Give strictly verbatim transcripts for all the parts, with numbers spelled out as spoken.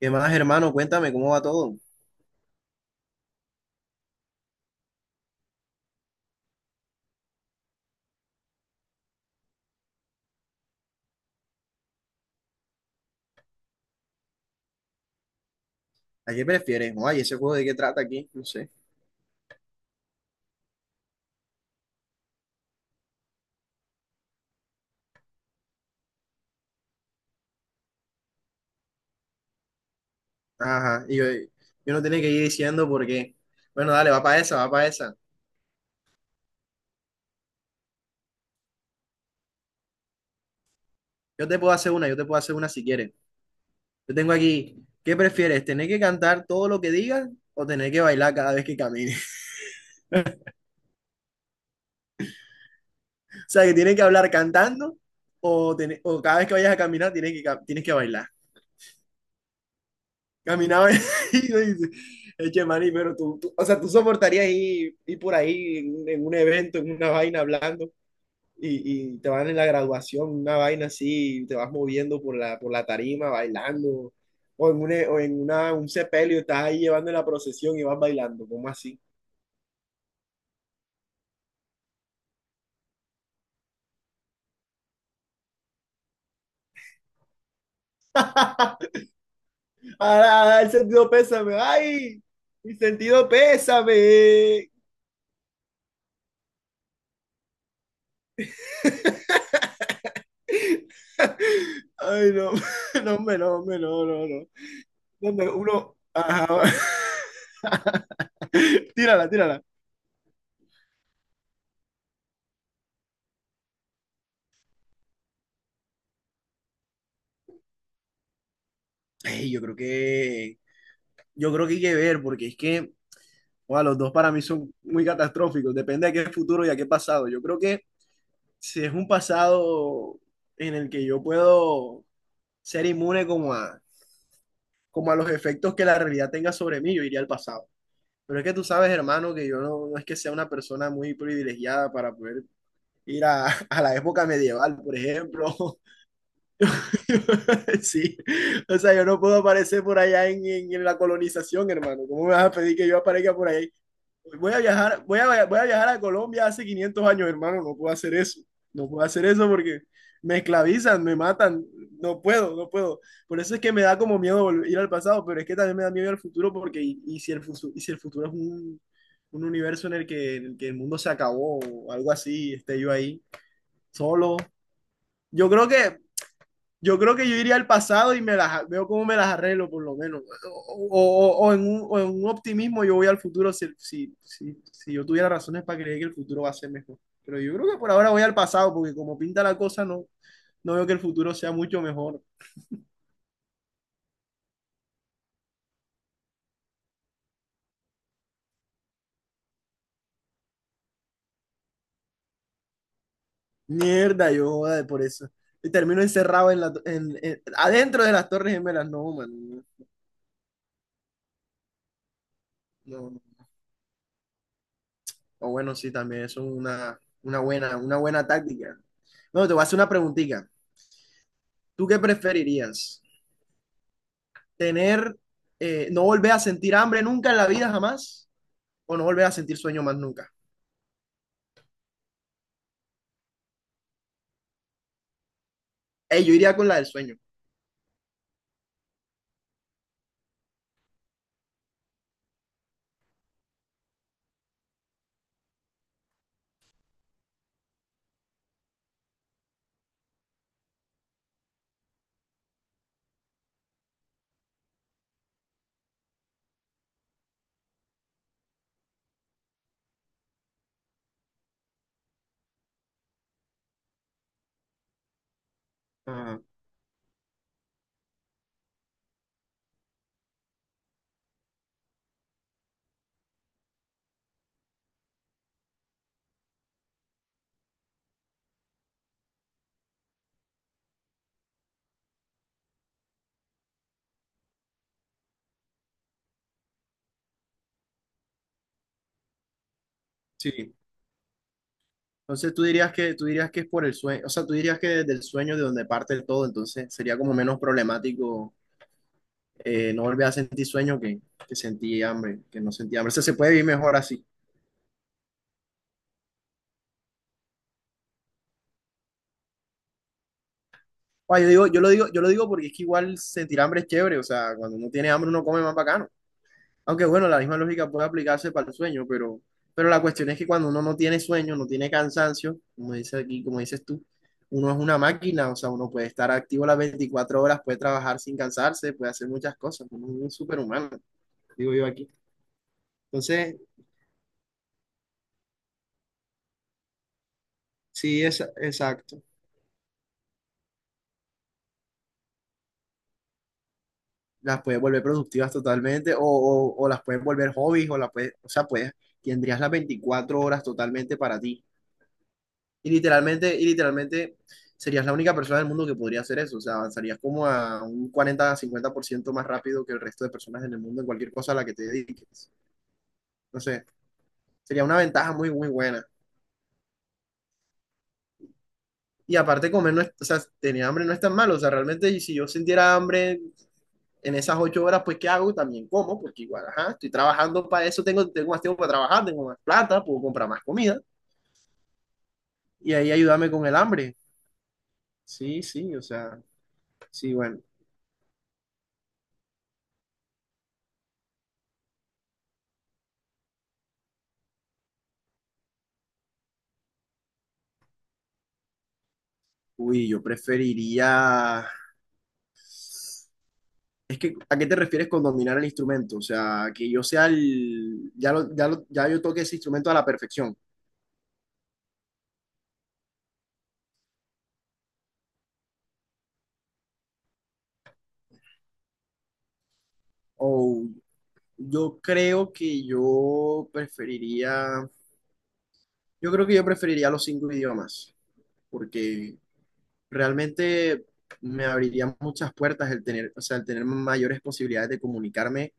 ¿Qué más, hermano? Cuéntame cómo va todo. ¿A qué prefieres? Ay, ese juego de qué trata aquí, no sé. Ajá, y yo, yo no tenía que ir diciendo por qué. Bueno, dale, va para esa, va para esa. Yo te puedo hacer una, yo te puedo hacer una si quieres. Yo tengo aquí, ¿qué prefieres? ¿Tener que cantar todo lo que digas o tener que bailar cada vez que camines? O sea, que tienes que hablar cantando o tener- o cada vez que vayas a caminar tienes que, ca- tienes que bailar. Caminaba y uno dice, eche maní, pero tú, tú- o sea, tú soportarías ir, ir por ahí en, un en un evento, en una vaina hablando. y, y te van en la graduación, una vaina así, y te vas moviendo por la, por la tarima, bailando, o en, una, o en una, un sepelio, estás ahí llevando la procesión y vas bailando, ¿cómo así? Ahora, el sentido pésame, ay, mi sentido pésame. Ay, no, no, hombre, no, hombre, no, no, no. No, hombre, uno, ajá. Tírala, tírala. Ey, yo creo que, yo creo que hay que ver, porque es que wow, los dos para mí son muy catastróficos, depende de qué futuro y a qué pasado. Yo creo que si es un pasado en el que yo puedo ser inmune como a, como a los efectos que la realidad tenga sobre mí, yo iría al pasado. Pero es que tú sabes, hermano, que yo no, no es que sea una persona muy privilegiada para poder ir a, a la época medieval, por ejemplo. Sí, o sea, yo no puedo aparecer por allá en, en en la colonización, hermano. ¿Cómo me vas a pedir que yo aparezca por ahí? Voy a viajar, voy a, voy a viajar a Colombia hace quinientos años, hermano, no puedo hacer eso. No puedo hacer eso porque me esclavizan, me matan, no puedo, no puedo. Por eso es que me da como miedo volver- ir al pasado, pero es que también me da miedo ir al futuro porque y, y si el futuro, y si el futuro es un, un universo en el que, en el que el mundo se acabó o algo así, esté yo ahí solo. Yo creo que yo creo que yo iría al pasado y me las veo cómo me las arreglo, por lo menos. O, o- o en un, o en un optimismo yo voy al futuro si, si, si, si yo tuviera razones para creer que el futuro va a ser mejor. Pero yo creo que por ahora voy al pasado, porque como pinta la cosa, no, no veo que el futuro sea mucho mejor. Mierda, yo joda por eso. Y termino encerrado en la, en, en- adentro de las Torres Gemelas. No, man. No, no. O bueno, sí, también eso es una, una buena, una buena táctica. Bueno, te voy a hacer una preguntita. ¿Tú qué preferirías? Tener, eh, no volver a sentir hambre nunca en la vida jamás, o no volver a sentir sueño más nunca. Eh, yo iría con la del sueño. Ajá, sí. Entonces tú dirías que tú dirías que es por el sueño, o sea, tú dirías que desde el sueño de donde parte todo, entonces sería como menos problemático eh, no volver a sentir sueño que, que sentir hambre, que no sentir hambre. O sea, se puede vivir mejor así. Ah, yo digo, yo lo digo, yo lo digo porque es que igual sentir hambre es chévere, o sea, cuando uno tiene hambre uno come más bacano. Aunque bueno, la misma lógica puede aplicarse para el sueño, pero, pero la cuestión es que cuando uno no tiene sueño, no tiene cansancio, como dice aquí, como dices tú, uno es una máquina, o sea, uno puede estar activo las veinticuatro horas, puede trabajar sin cansarse, puede hacer muchas cosas, uno es un superhumano, digo yo aquí. Entonces, sí, es exacto. Las puedes volver productivas totalmente, o, o, o las puedes volver hobbies, o las puedes, o sea, puedes, tendrías las veinticuatro horas totalmente para ti. Y literalmente, y literalmente serías la única persona del mundo que podría hacer eso. O sea, avanzarías como a un cuarenta cincuenta por ciento más rápido que el resto de personas en el mundo en cualquier cosa a la que te dediques. No sé, sería una ventaja muy, muy buena. Y aparte comer, no es- o sea, tener hambre no es tan malo. O sea, realmente y si yo sintiera hambre en esas ocho horas, pues ¿qué hago? También como, porque igual, ajá, estoy trabajando para eso, tengo, tengo más tiempo para trabajar, tengo más plata, puedo comprar más comida. Y ahí ayúdame con el hambre. Sí, sí, o sea, sí, bueno. Uy, yo preferiría. Es que, ¿a qué te refieres con dominar el instrumento? O sea, que yo sea el, ya lo- ya lo- ya yo toque ese instrumento a la perfección. O yo creo que yo preferiría, yo creo que yo preferiría los cinco idiomas, porque realmente me abriría muchas puertas el tener, o sea, el tener mayores posibilidades de comunicarme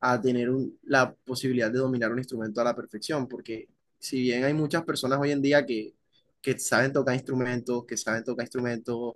a tener un- la posibilidad de dominar un instrumento a la perfección, porque si bien hay muchas personas hoy en día que, que saben tocar instrumentos, que saben tocar instrumentos,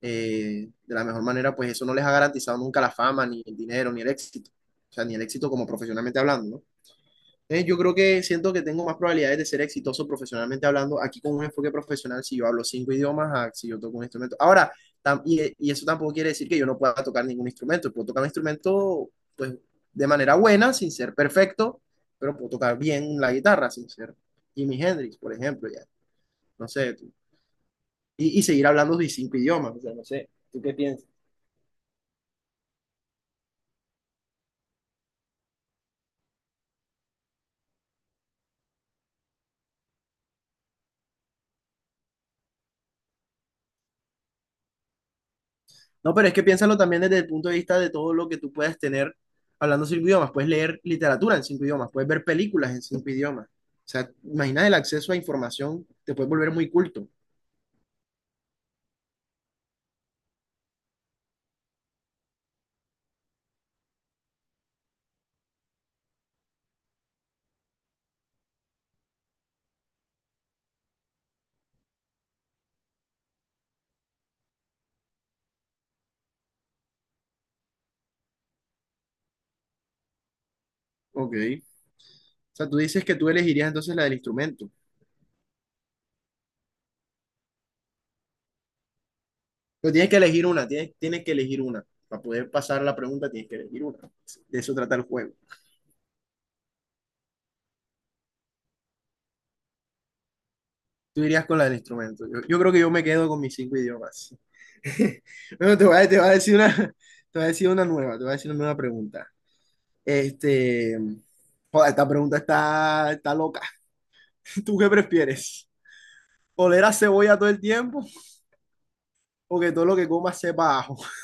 eh, de la mejor manera, pues eso no les ha garantizado nunca la fama, ni el dinero, ni el éxito. O sea, ni el éxito como profesionalmente hablando, ¿no? Entonces, yo creo que siento que tengo más probabilidades de ser exitoso profesionalmente hablando aquí con un enfoque profesional si yo hablo cinco idiomas, a si yo toco un instrumento. Ahora, tam- y, y eso tampoco quiere decir que yo no pueda tocar ningún instrumento. Puedo tocar un instrumento, pues, de manera buena, sin ser perfecto, pero puedo tocar bien la guitarra, sin ser Jimi Hendrix, por ejemplo, ya. No sé, tú. Y, y seguir hablando de cinco idiomas, o sea, no sé. ¿Tú qué piensas? No, pero es que piénsalo también desde el punto de vista de todo lo que tú puedas tener hablando cinco idiomas. Puedes leer literatura en cinco idiomas, puedes ver películas en cinco idiomas. O sea, imagina el acceso a información, te puedes volver muy culto. Ok. O sea, tú dices que tú elegirías entonces la del instrumento. Pero tienes que elegir una, tienes, tienes que elegir una. Para poder pasar la pregunta, tienes que elegir una. De eso trata el juego. Tú irías con la del instrumento. Yo, yo creo que yo me quedo con mis cinco idiomas. Bueno, te voy a, te voy a decir una, te voy a decir una nueva, te voy a decir una nueva pregunta. Este, joder, esta pregunta está, está loca. ¿Tú qué prefieres? ¿Oler a cebolla todo el tiempo o que todo lo que comas sepa a ajo?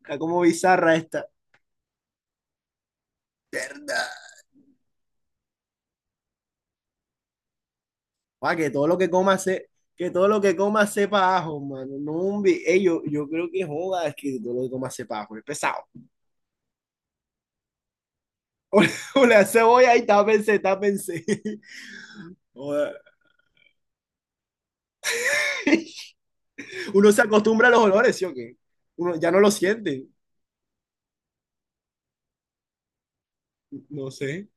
Está como bizarra esta. Mierda. Pa, que todo lo que comas se, que todo lo que comas sepa a ajo, mano. No, hombre. Ey, yo, yo creo que joda, es que todo lo que comas sepa a ajo. Es pesado. Oler a cebolla y tápense, tápense. Joda. Uno se acostumbra a los olores, ¿sí o qué? Uno ya no lo siente. No sé.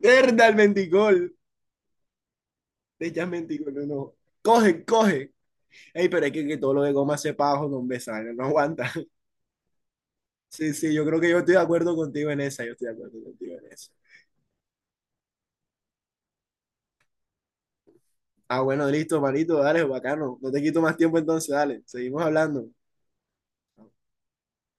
Mierda, el menticol. De ya mentico, no, no. Coge, coge. Ey, pero hay que que todo lo de goma se pajo, no hombre, esa vaina no aguanta. Sí, sí, yo creo que yo estoy de acuerdo contigo en esa, yo estoy de acuerdo contigo en esa. Ah, bueno, listo, manito, dale, bacano. No te quito más tiempo entonces, dale, seguimos hablando.